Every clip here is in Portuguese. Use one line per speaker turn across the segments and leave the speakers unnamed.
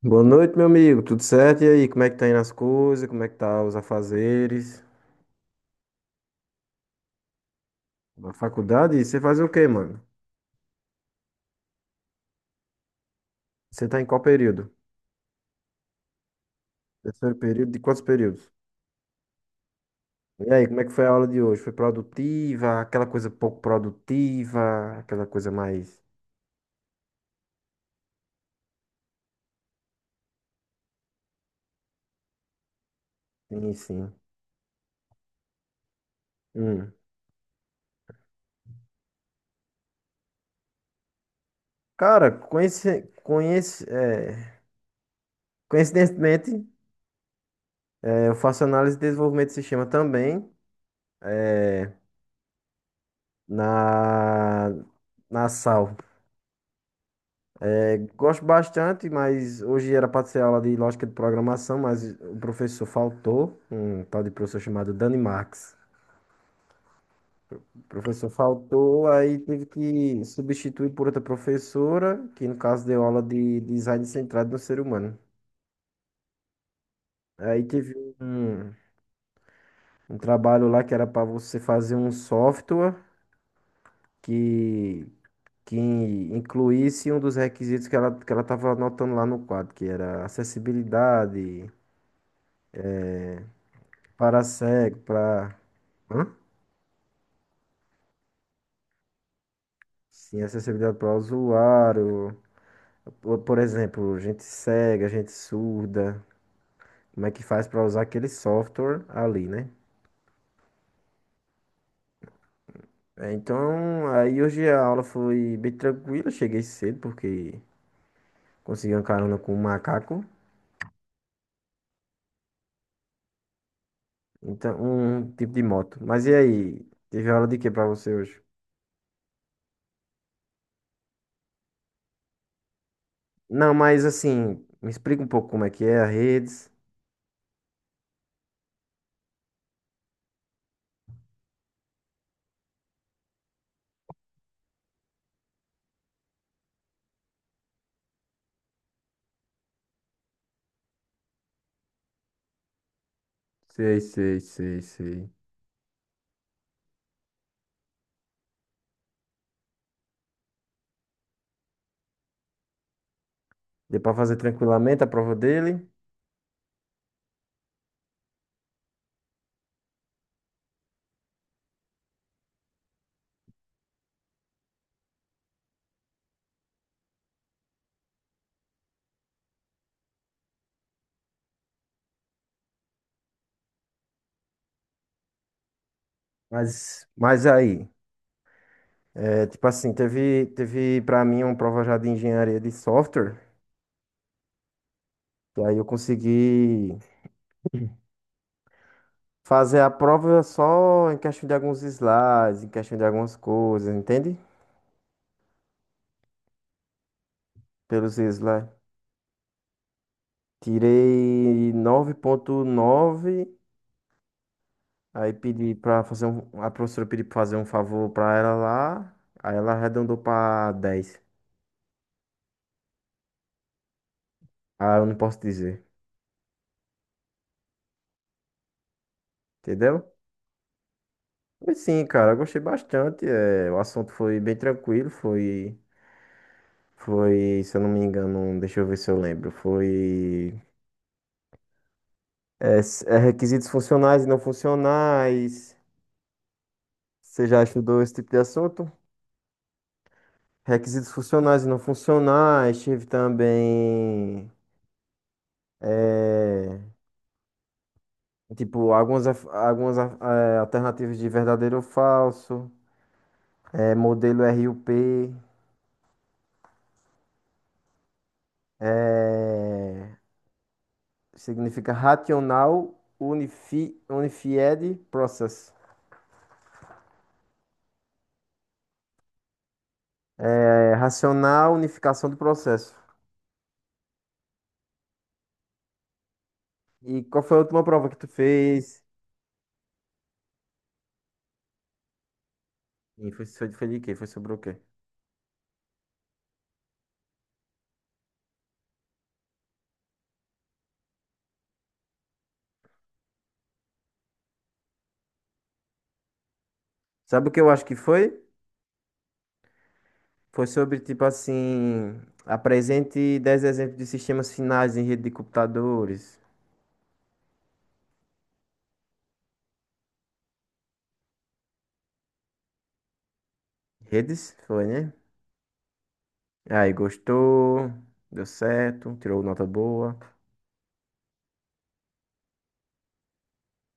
Boa noite, meu amigo. Tudo certo? E aí, como é que tá indo as coisas? Como é que tá os afazeres? Na faculdade? E você faz o quê, mano? Você tá em qual período? Terceiro período? De quantos períodos? E aí, como é que foi a aula de hoje? Foi produtiva? Aquela coisa pouco produtiva? Aquela coisa mais... Sim, sim. Hum. Cara, coincidentemente, eu faço análise de desenvolvimento de sistema também, é, na... Na SAL. Gosto bastante, mas hoje era para ser aula de lógica de programação, mas o professor faltou, um tal de professor chamado Dani Marx. O professor faltou, aí teve que substituir por outra professora, que no caso deu aula de design centrado no ser humano. Aí teve um, um trabalho lá que era para você fazer um software que, que incluísse um dos requisitos que ela estava anotando lá no quadro, que era acessibilidade para cego, para... Hã? Sim, acessibilidade para o usuário. Por exemplo, gente cega, gente surda. Como é que faz para usar aquele software ali, né? É, então, aí hoje a aula foi bem tranquila. Cheguei cedo porque consegui uma carona com um macaco. Então, um tipo de moto. Mas e aí? Teve aula de que para você hoje? Não, mas assim, me explica um pouco como é que é a redes. Sei, sei, sei, sei. Deu para fazer tranquilamente a prova dele. Mas aí? É, tipo assim, teve para mim uma prova já de engenharia de software, e aí eu consegui fazer a prova só em questão de alguns slides, em questão de algumas coisas, entende? Pelos slides. Tirei 9,9. Aí pedi pra fazer a professora pediu pra fazer um favor pra ela lá, aí ela arredondou pra 10. Ah, eu não posso dizer, entendeu? Mas sim, cara, eu gostei bastante, o assunto foi bem tranquilo. Foi, se eu não me engano, deixa eu ver se eu lembro. Foi, requisitos funcionais e não funcionais. Você já estudou esse tipo de assunto? Requisitos funcionais e não funcionais. Tive também, é, tipo algumas alternativas de verdadeiro ou falso. É, modelo RUP. É, significa racional unified process. É, racional unificação do processo. E qual foi a última prova que tu fez? E foi de quê? Foi sobre o quê? Sabe o que eu acho que foi? Foi sobre, tipo assim, apresente 10 exemplos de sistemas finais em rede de computadores. Redes? Foi, né? Aí, gostou, deu certo, tirou nota boa.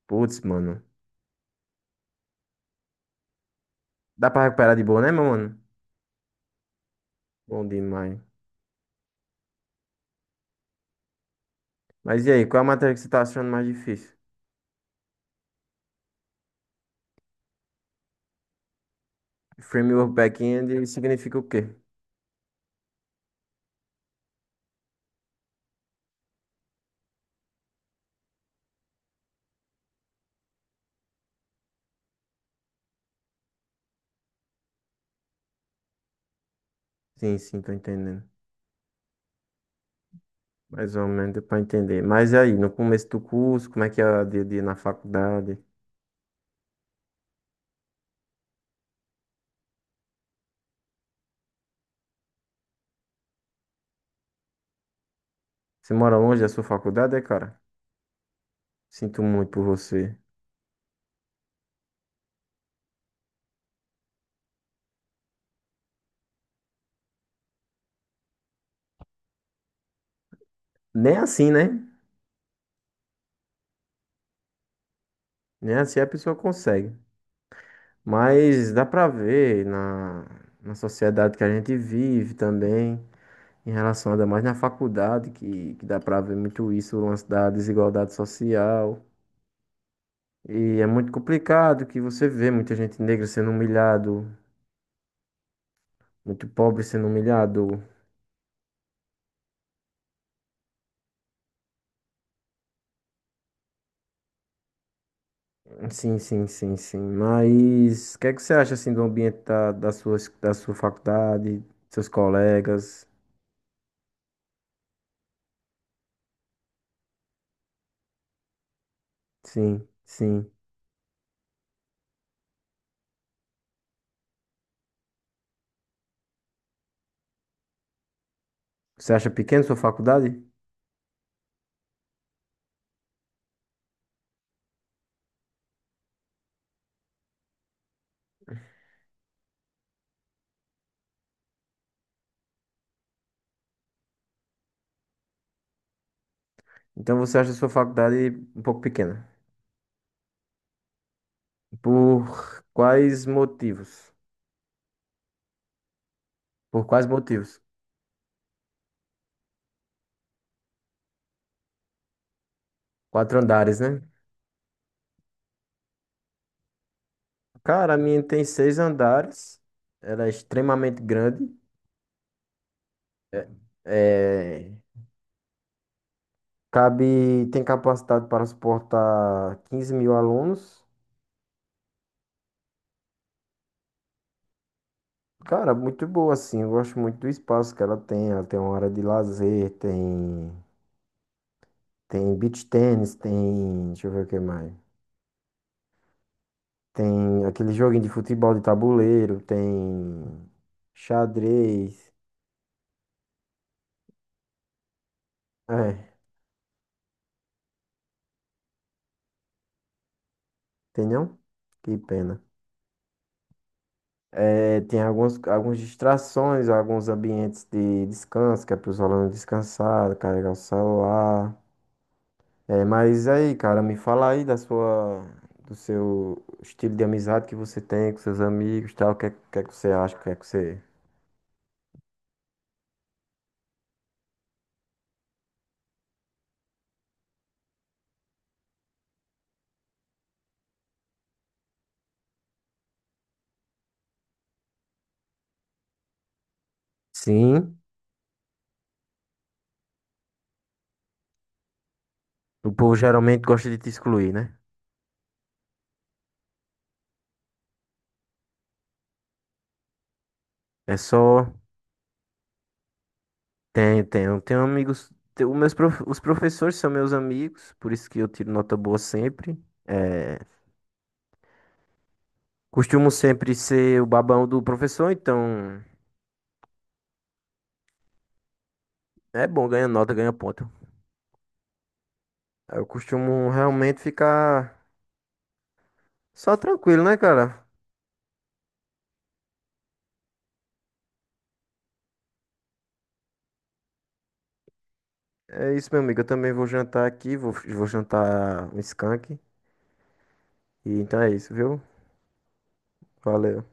Putz, mano. Dá pra recuperar de boa, né, meu mano? Bom demais. Mas e aí, qual é a matéria que você tá achando mais difícil? Framework back-end significa o quê? Sim, sim, tô entendendo. Mais ou menos deu pra entender. Mas e aí, no começo do curso, como é que é o dia a dia na faculdade? Você mora longe da sua faculdade, é, cara? Sinto muito por você. Nem assim, né? Nem assim a pessoa consegue. Mas dá pra ver na sociedade que a gente vive também, em relação ainda mais na faculdade, que dá pra ver muito isso, o lance da desigualdade social. E é muito complicado que você vê muita gente negra sendo humilhado, muito pobre sendo humilhado. Sim, sim, sim, sim. Mas o que é que você acha assim do ambiente da sua faculdade, seus colegas? Sim, sim. Você acha pequena a sua faculdade? Então você acha a sua faculdade um pouco pequena. Por quais motivos? Por quais motivos? Quatro andares, né? Cara, a minha tem seis andares. Ela é extremamente grande. É, é, Cabe, tem capacidade para suportar 15 mil alunos. Cara, muito boa, assim. Eu gosto muito do espaço que ela tem. Ela tem uma área de lazer, tem beach tênis, tem. Deixa eu ver o que mais. Tem aquele joguinho de futebol de tabuleiro, tem xadrez. É, tem não? Que pena. É, tem algumas distrações, alguns ambientes de descanso, que é para os alunos descansar, carregar o celular. É, mas aí, cara, me fala aí do seu estilo de amizade que você tem com seus amigos, tal. O que é que você acha? O que é que você... Sim, o povo geralmente gosta de te excluir, né? É só... Tenho amigos. Os professores são meus amigos, por isso que eu tiro nota boa sempre. É, costumo sempre ser o babão do professor, então. É bom, ganha nota, ganha ponto. Aí eu costumo realmente ficar só tranquilo, né, cara? É isso, meu amigo. Eu também vou jantar aqui, vou jantar um skunk. E então é isso, viu? Valeu.